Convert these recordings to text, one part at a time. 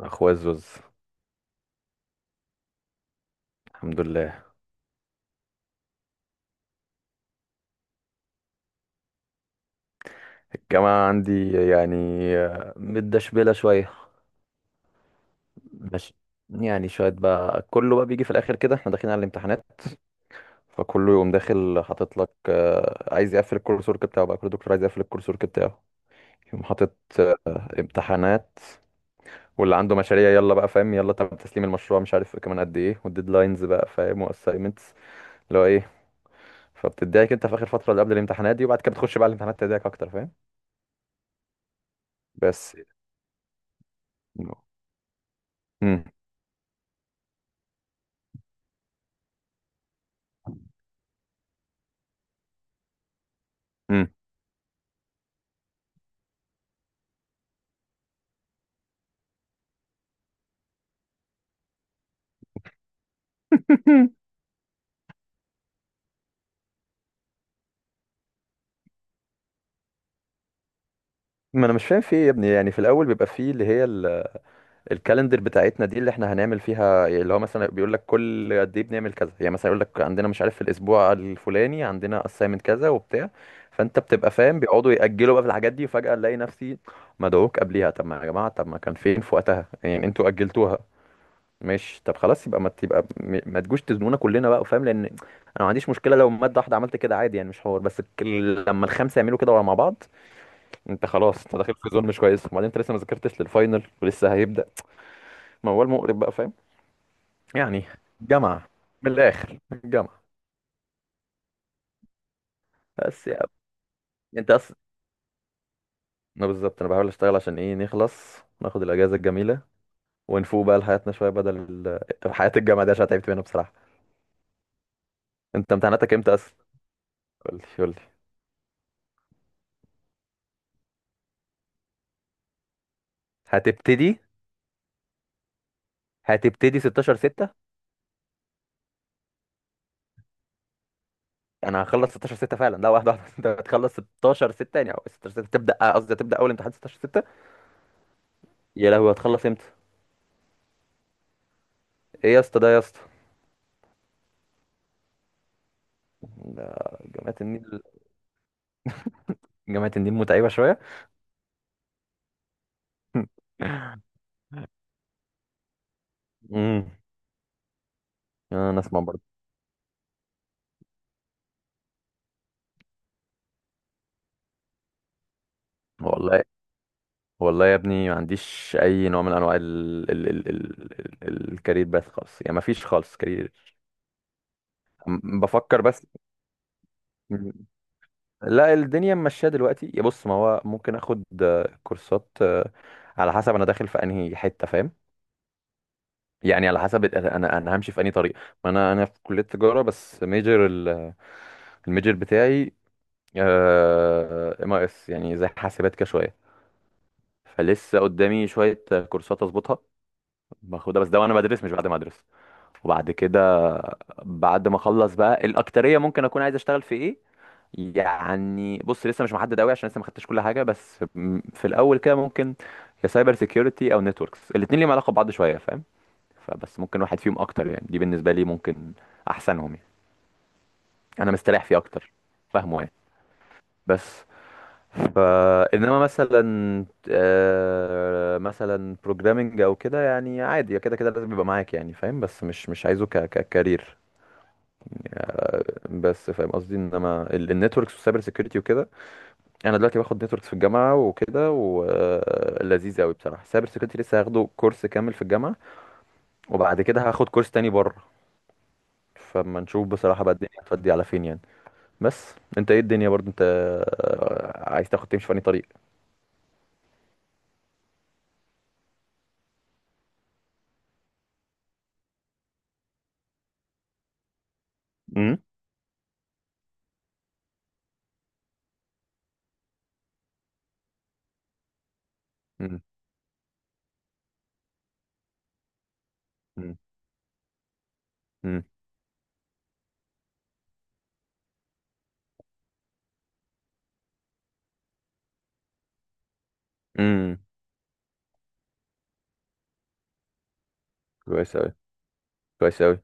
اخويا الزوز. الحمد لله. الجامعة عندي يعني متدشبلة شوية. ماشي، يعني شوية بقى، كله بقى بيجي في الآخر كده احنا داخلين على الامتحانات، فكله يقوم داخل حاطط لك عايز يقفل الكورس ورك بتاعه، بقى كل دكتور عايز يقفل الكورس ورك بتاعه، يقوم حاطط آه، امتحانات، واللي عنده مشاريع يلا بقى فاهم، يلا طب تسليم المشروع مش عارف كمان قد ايه، والديدلاينز بقى فاهم، واساينمنتس اللي هو ايه. فبتضايق انت في آخر فترة اللي قبل الامتحانات دي، وبعد كده بتخش بقى الامتحانات تضايقك أكتر فاهم. بس مم. ما انا مش فاهم في ايه يا ابني، يعني في الاول بيبقى فيه اللي هي الكالندر بتاعتنا دي اللي احنا هنعمل فيها، اللي هو مثلا بيقول لك كل قد ايه بنعمل كذا، يعني مثلا يقول لك عندنا مش عارف في الاسبوع الفلاني عندنا اسايمنت كذا وبتاع. فانت بتبقى فاهم، بيقعدوا ياجلوا بقى في الحاجات دي وفجاه الاقي نفسي مدعوك قبليها، طب ما يا جماعه طب ما كان فين في وقتها يعني انتوا اجلتوها. ماشي طب خلاص يبقى ما تبقى ما تجوش تزنونا كلنا بقى فاهم، لان انا ما عنديش مشكله لو ماده واحده عملت كده عادي يعني مش حوار، بس لما الخمسه يعملوا كده مع بعض، انت خلاص انت داخل في زون مش كويس، وبعدين انت لسه ما ذاكرتش للفاينل ولسه هيبدا موال مقرب بقى فاهم. يعني جامعه، من الاخر جامعه، بس يا ابني. انت اصلا، انا بالظبط انا بحاول اشتغل عشان ايه؟ نخلص ناخد الاجازه الجميله ونفوق بقى لحياتنا شويه، بدل حياه الجامعه دي عشان تعبت منها بصراحه. انت امتحاناتك امتى اصلا؟ قول لي قول لي. هتبتدي هتبتدي 16 6؟ انا هخلص 16 6 فعلا، لا واحده واحده. انت هتخلص 16 6 يعني، أو 16 6 تبدا قصدي، هتبدا اول امتحان 16 6؟ يا لهوي هتخلص امتى؟ ايه يا اسطى ده يا اسطى؟ ده جامعة النيل. جامعة النيل متعبة شوية. امم، انا اسمع برضه. والله، والله يا ابني ما عنديش اي نوع من انواع الكارير باث خالص، يعني ما فيش خالص كارير. بفكر بس. م- لا الدنيا ماشيه دلوقتي يا بص، ما هو ممكن اخد كورسات على حسب انا داخل في انهي حته فاهم. يعني على حسب انا همشي في انهي طريق. ما انا في كليه تجاره، بس ميجر الميجر بتاعي ام اس، يعني زي حاسبات كده شويه. فلسه قدامي شويه كورسات اظبطها باخدها، بس ده وانا بدرس مش بعد ما ادرس. وبعد كده، بعد ما اخلص بقى الاكتريه، ممكن اكون عايز اشتغل في ايه يعني. بص لسه مش محدد قوي عشان لسه ما خدتش كل حاجه، بس في الاول كده ممكن يا سايبر سيكيورتي او نتوركس. الاثنين ليهم علاقه ببعض شويه فاهم، فبس ممكن واحد فيهم اكتر، يعني دي بالنسبه لي ممكن احسنهم يعني، انا مستريح فيه اكتر فاهمه يعني. بس فانما مثلا مثلا بروجرامنج او كده يعني عادي، كده كده لازم يبقى معاك يعني فاهم، بس مش مش عايزه ككارير، بس فاهم قصدي، انما النتوركس والسايبر سيكيورتي وكده، انا دلوقتي باخد نتوركس في الجامعه وكده ولذيذ قوي بصراحه. السايبر سيكيورتي لسه هاخده كورس كامل في الجامعه، وبعد كده هاخد كورس تاني بره. فما نشوف بصراحه بقى الدنيا هتودي على فين يعني. بس انت ايه الدنيا برضو، انت عايز تاخد تمشي في أنهي طريق؟ امم، امم، امم، امم. كويس أوي، كويس أوي.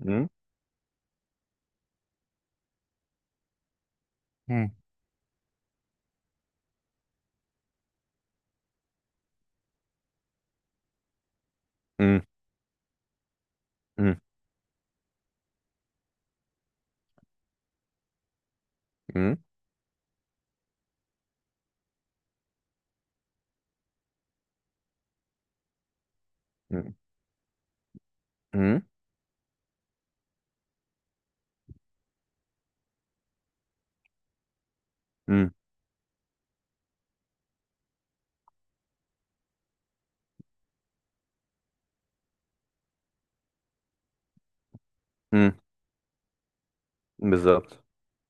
مم. مم. مم. مم. مم. مم. مم. مم. مم. بالظبط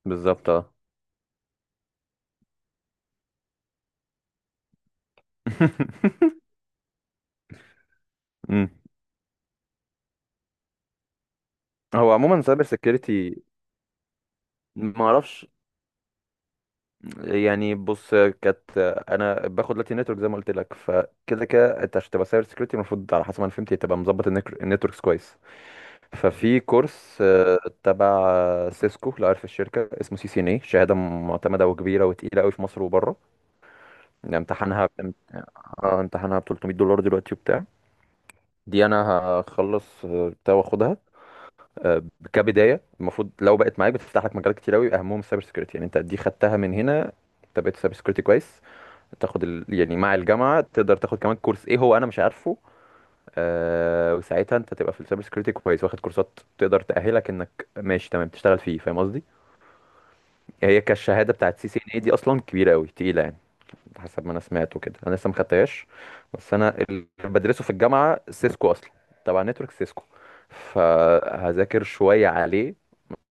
بالظبط، اه. مم. هو عموما سايبر سيكيورتي، ما اعرفش يعني. بص كانت، انا باخد لاتي نتورك زي ما قلت لك، فكده كده انت عشان تبقى سايبر سيكيورتي المفروض على حسب ما انا فهمت تبقى مظبط النتوركس كويس. ففي كورس تبع سيسكو لو عارف الشركه، اسمه سي سي ان اي، شهاده معتمده وكبيره وتقيله قوي في مصر وبره. امتحانها، اه امتحانها ب $300 دلوقتي وبتاع. دي انا هخلص بتاع واخدها. آه، كبدايه المفروض لو بقت معاك بتفتح لك مجالات كتير قوي، اهمهم السايبر سكيورتي يعني. انت دي خدتها من هنا، انت بقيت سايبر سكيورتي كويس، تاخد ال... يعني مع الجامعه تقدر تاخد كمان كورس ايه هو انا مش عارفه، آه وساعتها انت تبقى في السايبر سكيورتي كويس، واخد كورسات تقدر تاهلك انك ماشي تمام تشتغل فيه فاهم قصدي. هي كالشهاده بتاعت سي سي ان اي دي اصلا كبيره قوي تقيله يعني، حسب ما انا سمعت وكده، انا لسه ما خدتهاش. بس انا اللي بدرسه في الجامعه سيسكو اصلا، تبع نتورك سيسكو، فهذاكر شويه عليه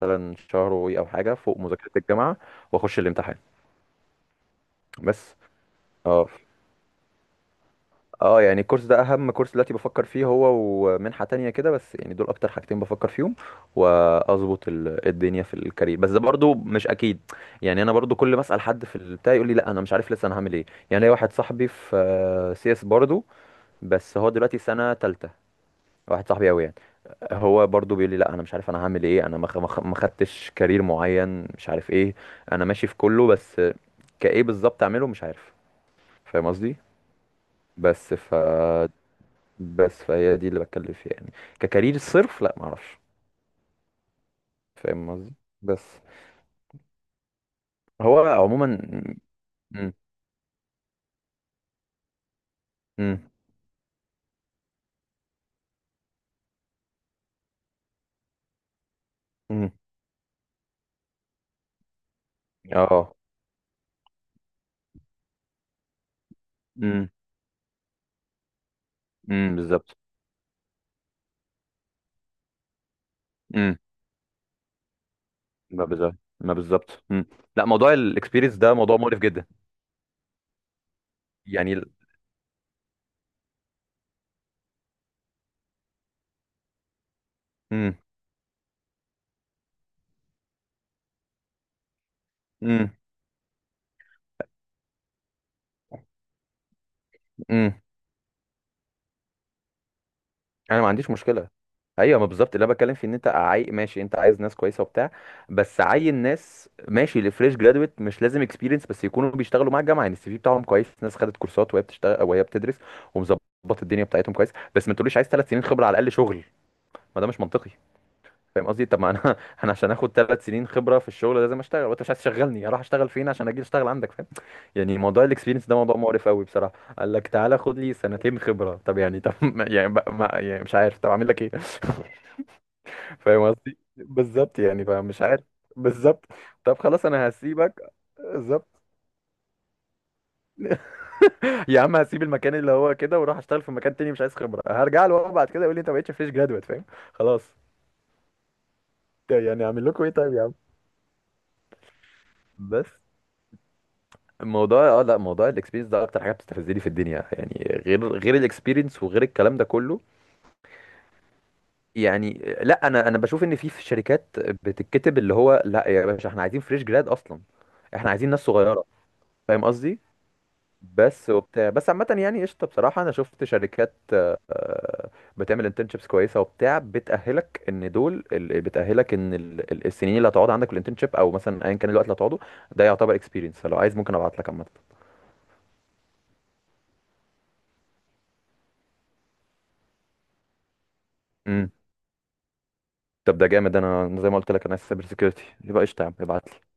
مثلا شهر وي او حاجه فوق مذاكره الجامعه، واخش الامتحان بس. اه اه يعني الكورس ده اهم كورس دلوقتي بفكر فيه، هو ومنحه تانية كده، بس يعني دول اكتر حاجتين بفكر فيهم واظبط الدنيا في الكارير، بس ده برضو مش اكيد يعني. انا برضو كل ما اسال حد في البتاع يقول لي لا انا مش عارف لسه انا هعمل ايه. يعني ليا واحد صاحبي في سي اس برضو، بس هو دلوقتي سنة تالتة، واحد صاحبي قوي يعني، هو برضو بيقول لي لا انا مش عارف انا هعمل ايه، انا ما خدتش كارير معين مش عارف ايه، انا ماشي في كله، بس كايه بالظبط اعمله مش عارف. فاهم قصدي. بس ف، بس فهي دي اللي بتكلم فيها يعني. ككارير صرف لا ما اعرفش، فاهم قصدي. بس هو عموما. امم، امم، امم، اه، امم، امم، بالظبط، امم، ما بالظبط، ما بالظبط امم. لا موضوع الاكسبيرينس ده موضوع مقرف جدا يعني. امم، امم، انا ما عنديش مشكله. ايوه ما بالظبط اللي انا بتكلم فيه، ان انت عاي ماشي انت عايز ناس كويسه وبتاع، بس عين ناس ماشي لفريش جرادويت مش لازم اكسبيرينس، بس يكونوا بيشتغلوا مع الجامعه يعني السي في بتاعهم كويس، ناس خدت كورسات وهي بتشتغل وهي بتدرس ومظبط الدنيا بتاعتهم كويس. بس ما تقوليش عايز 3 سنين خبره على الاقل شغل، ما ده مش منطقي. فاهم قصدي؟ طب ما انا انا عشان اخد 3 سنين خبره في الشغل لازم اشتغل، وانت مش عايز تشغلني، اروح اشتغل فين عشان اجي اشتغل عندك فاهم؟ يعني موضوع الاكسبيرينس ده موضوع مقرف قوي بصراحه. قال لك تعالى خد لي سنتين خبره، طب يعني طب يعني، ما يعني مش عارف طب اعمل لك ايه. فاهم قصدي بالظبط يعني، فمش عارف. بالظبط، طب خلاص انا هسيبك. بالظبط يا عم هسيب المكان اللي هو كده واروح اشتغل في مكان تاني مش عايز خبره، هرجع له بقى بعد كده يقول لي انت ما بقتش فريش جرادويت فاهم. خلاص. طيب يعني اعمل لكم ايه طيب يا عم. بس الموضوع، اه لا موضوع الاكسبيرينس ده اكتر حاجه بتستفزني في الدنيا يعني، غير الاكسبيرينس وغير الكلام ده كله يعني. لا انا بشوف ان في شركات بتتكتب اللي هو لا يا باشا احنا عايزين فريش جراد اصلا، احنا عايزين ناس صغيره، فاهم قصدي. بس وبتاع، بس عامه يعني قشطه بصراحه انا شفت شركات بتعمل انترنشيبس كويسه وبتاع، بتاهلك ان دول بتاهلك ان السنين اللي هتقعد عندك في الانترنشيب، او مثلا ايا كان الوقت اللي هتقعده، ده يعتبر اكسبيرينس. فلو عايز ممكن ابعت لك. عامه، طب ده جامد، انا زي ما قلت لك انا سايبر سيكيورتي يبقى قشطه، يا عم ابعت لي.